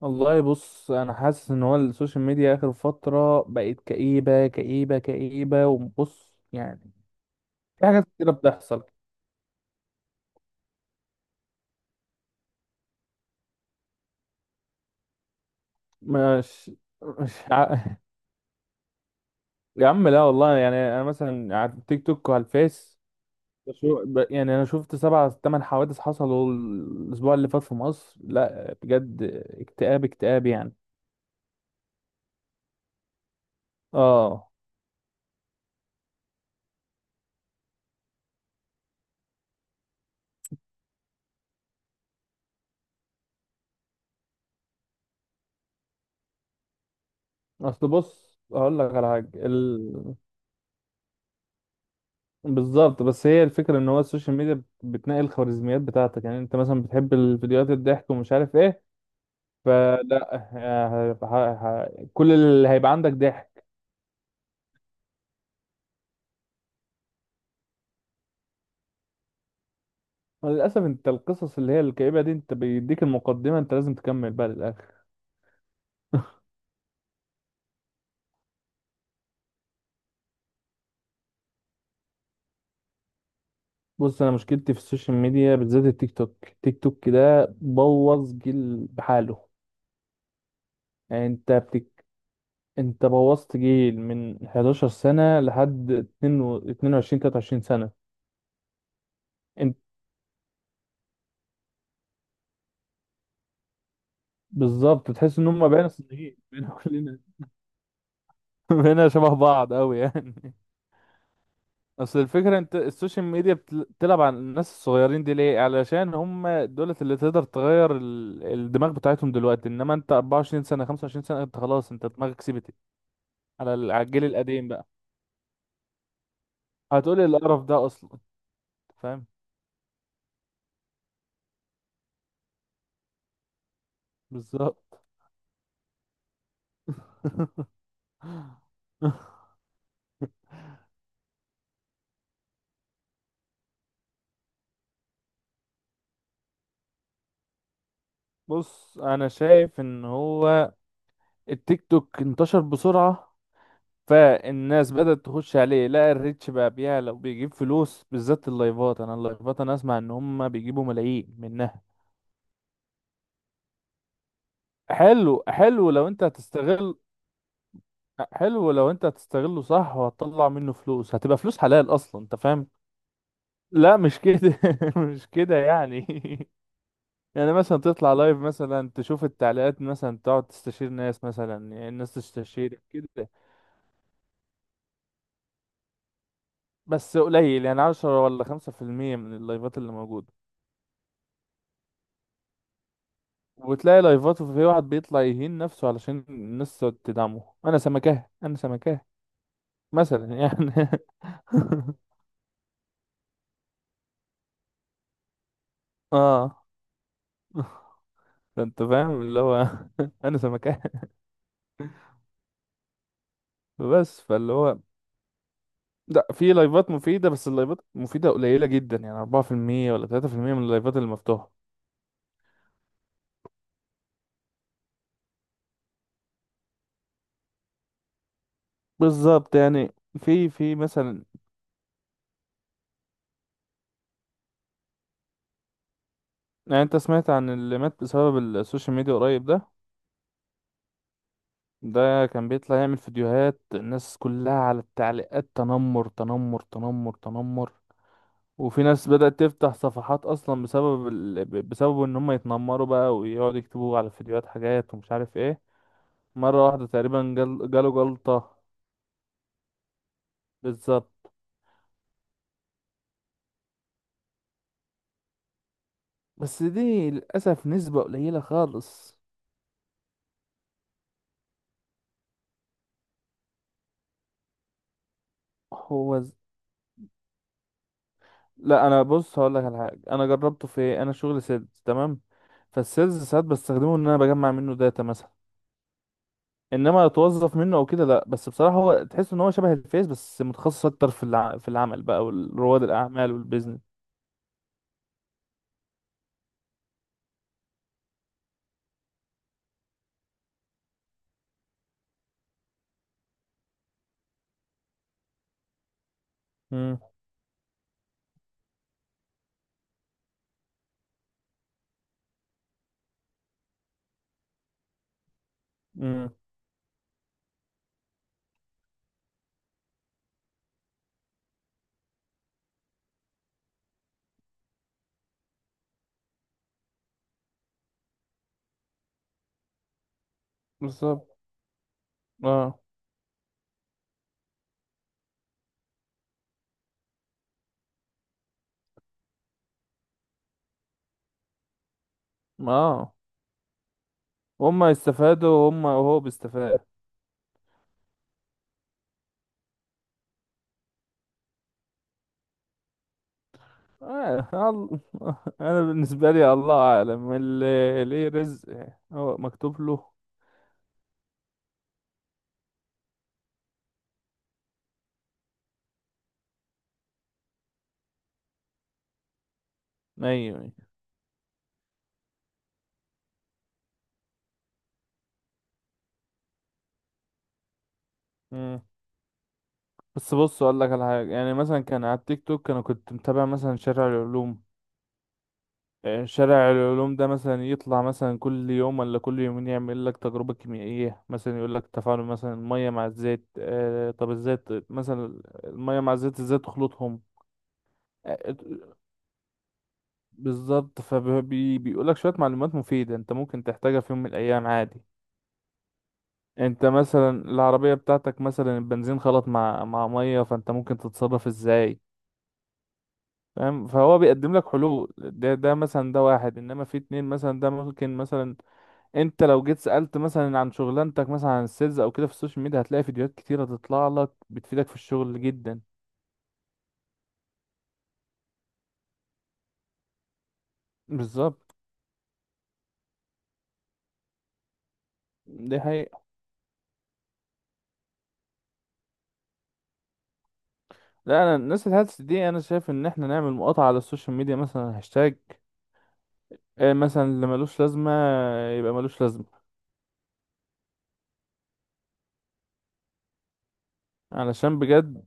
والله بص انا حاسس ان هو السوشيال ميديا اخر فتره بقت كئيبه كئيبه كئيبه، وبص يعني في حاجات كتيره بتحصل. مش مش ع... يا عم لا والله، يعني انا مثلا على التيك توك وعلى الفيس يعني انا شفت سبع ثمان حوادث حصلوا الاسبوع اللي فات في مصر. لا بجد اكتئاب اكتئاب يعني. اه اصل بص هقول لك على حاجه. بالظبط، بس هي الفكرة ان هو السوشيال ميديا بتنقل الخوارزميات بتاعتك، يعني انت مثلا بتحب الفيديوهات الضحك ومش عارف ايه، فلا كل اللي هيبقى عندك ضحك. للأسف انت القصص اللي هي الكئيبة دي، انت بيديك المقدمة، انت لازم تكمل بقى للآخر. بص انا مشكلتي في السوشيال ميديا بالذات التيك توك، التيك توك كده بوظ جيل بحاله. يعني انت بوظت جيل من 11 سنة لحد 22 23 23 سنة. بالظبط، تحس ان هم بقينا صينيين، بقينا كلنا بقينا شبه بعض قوي يعني. اصل الفكره، انت السوشيال ميديا بتلعب على الناس الصغيرين دي ليه؟ علشان هم دولت اللي تقدر تغير الدماغ بتاعتهم دلوقتي، انما انت 24 سنه 25 سنه انت خلاص، انت دماغك سيبت. على على الجيل القديم بقى هتقولي القرف ده اصلا. فاهم بالظبط. بص انا شايف ان هو التيك توك انتشر بسرعه، فالناس بدأت تخش عليه، لقى الريتش بقى بيعلى وبيجيب فلوس، بالذات اللايفات. انا اللايفات انا اسمع ان هم بيجيبوا ملايين منها. حلو حلو لو انت هتستغل، حلو لو انت هتستغله صح، وهتطلع منه فلوس هتبقى فلوس حلال اصلا انت فاهم. لا مش كده مش كده يعني يعني مثلا تطلع لايف، مثلا تشوف التعليقات، مثلا تقعد تستشير ناس، مثلا يعني الناس تستشير كده. بس قليل، يعني عشرة ولا خمسة في المية من اللايفات اللي موجودة. وتلاقي لايفات وفي واحد بيطلع يهين نفسه علشان الناس تقعد تدعمه، انا سمكاه انا سمكاه مثلا يعني. اه فانت فاهم اللي هو انا سمكاه. بس فاللي هو لا، في لايفات مفيدة، بس اللايفات مفيدة قليلة جدا يعني 4% ولا 3% من اللايفات اللي مفتوحة. بالظبط يعني، في في مثلا، يعني انت سمعت عن اللي مات بسبب السوشيال ميديا قريب ده؟ ده كان بيطلع يعمل فيديوهات الناس كلها على التعليقات تنمر تنمر تنمر تنمر، وفي ناس بدأت تفتح صفحات اصلا بسبب ان هم يتنمروا بقى، ويقعدوا يكتبوا على الفيديوهات حاجات ومش عارف ايه. مرة واحدة تقريبا جاله جلطة. بالظبط، بس دي للأسف نسبة قليلة خالص. هو ز- لا انا بص هقول لك على حاجة، انا جربته في ايه، انا شغل سيلز تمام، فالسيلز ساعات بستخدمه ان انا بجمع منه داتا مثلا، انما اتوظف منه او كده لا. بس بصراحة هو تحس ان هو شبه الفيس، بس متخصص اكتر في العمل بقى والرواد الاعمال والبيزنس. امم بالظبط. اه اه هما يستفادوا، وهم وهو بيستفاد. آه. الله. انا بالنسبه لي الله اعلم، اللي ليه رزق هو مكتوب له. ايوه أيوة. مم. بس بص اقول لك على حاجه، يعني مثلا كان على التيك توك انا كنت متابع مثلا شارع العلوم. آه، شارع العلوم ده مثلا يطلع مثلا كل يوم ولا كل يومين يعمل لك تجربه كيميائيه، مثلا يقول لك تفاعل مثلا الميه مع الزيت. آه، طب الزيت مثلا الميه مع الزيت ازاي تخلطهم؟ آه، بالظبط، فبيقول لك شوية معلومات مفيدة انت ممكن تحتاجها في يوم من الأيام عادي. انت مثلا العربية بتاعتك مثلا البنزين خلط مع مع مية، فانت ممكن تتصرف ازاي؟ فاهم، فهو بيقدم لك حلول. ده ده مثلا، ده واحد، انما في اتنين مثلا ده ممكن مثلا انت لو جيت سألت مثلا عن شغلانتك مثلا عن السيلز او كده في السوشيال ميديا، هتلاقي فيديوهات كتيرة تطلع لك بتفيدك في الشغل جدا. بالظبط، دي حقيقة. لا انا الناس الهلس دي، انا شايف ان احنا نعمل مقاطعة على السوشيال ميديا مثلا، هاشتاج آه، مثلا اللي ملوش لازمة يبقى ملوش لازمة، علشان بجد.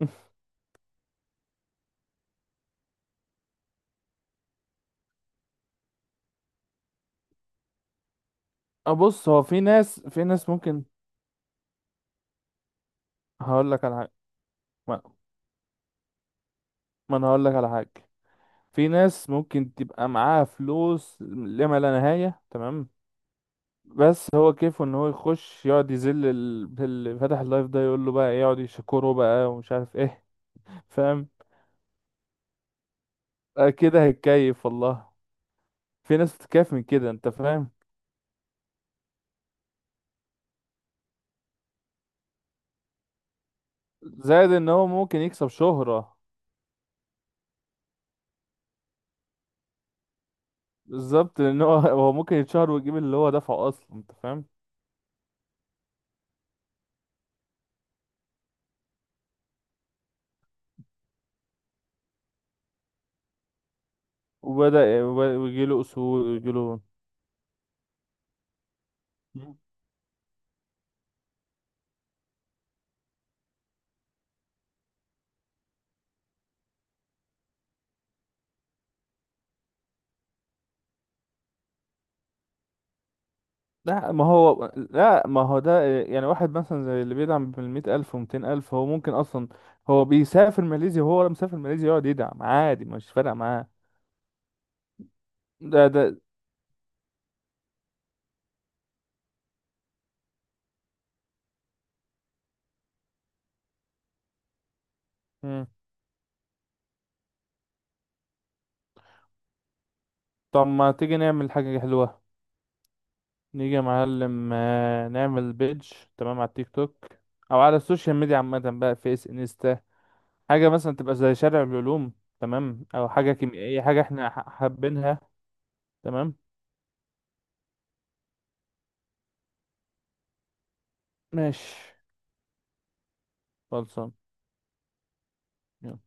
أبص هو في ناس، في ناس ممكن هقول لك على حاجة. ما, ما أنا هقول لك على حاجة. في ناس ممكن تبقى معاها فلوس لما لا نهاية، تمام، بس هو كيفه ان هو يخش يقعد يذل اللي فاتح اللايف ده، يقول له بقى إيه، يقعد يشكره بقى ومش عارف ايه. فاهم؟ آه، كده هيتكيف والله، في ناس بتتكيف من كده انت فاهم. زائد ان هو ممكن يكسب شهرة. بالظبط، لان هو ممكن يتشهر ويجيب اللي هو دفعه اصلا انت فاهم. وبدأ ويجي له اصول ويجي له. مم. لا ما هو ده يعني واحد مثلا زي اللي بيدعم بالمية ألف ومتين ألف، هو ممكن أصلا هو بيسافر ماليزيا، وهو ولا مسافر ماليزيا يقعد يدعم عادي مش فارقة معاه. ده. مم. طب ما تيجي نعمل حاجة حلوة، نيجي يا معلم آه، نعمل بيج تمام على التيك توك، أو على السوشيال ميديا عامة بقى، فيس، انستا. حاجة مثلا تبقى زي شارع العلوم، تمام، أو حاجة كيميائية، حاجة احنا حابينها. تمام، ماشي، خلصان، يلا.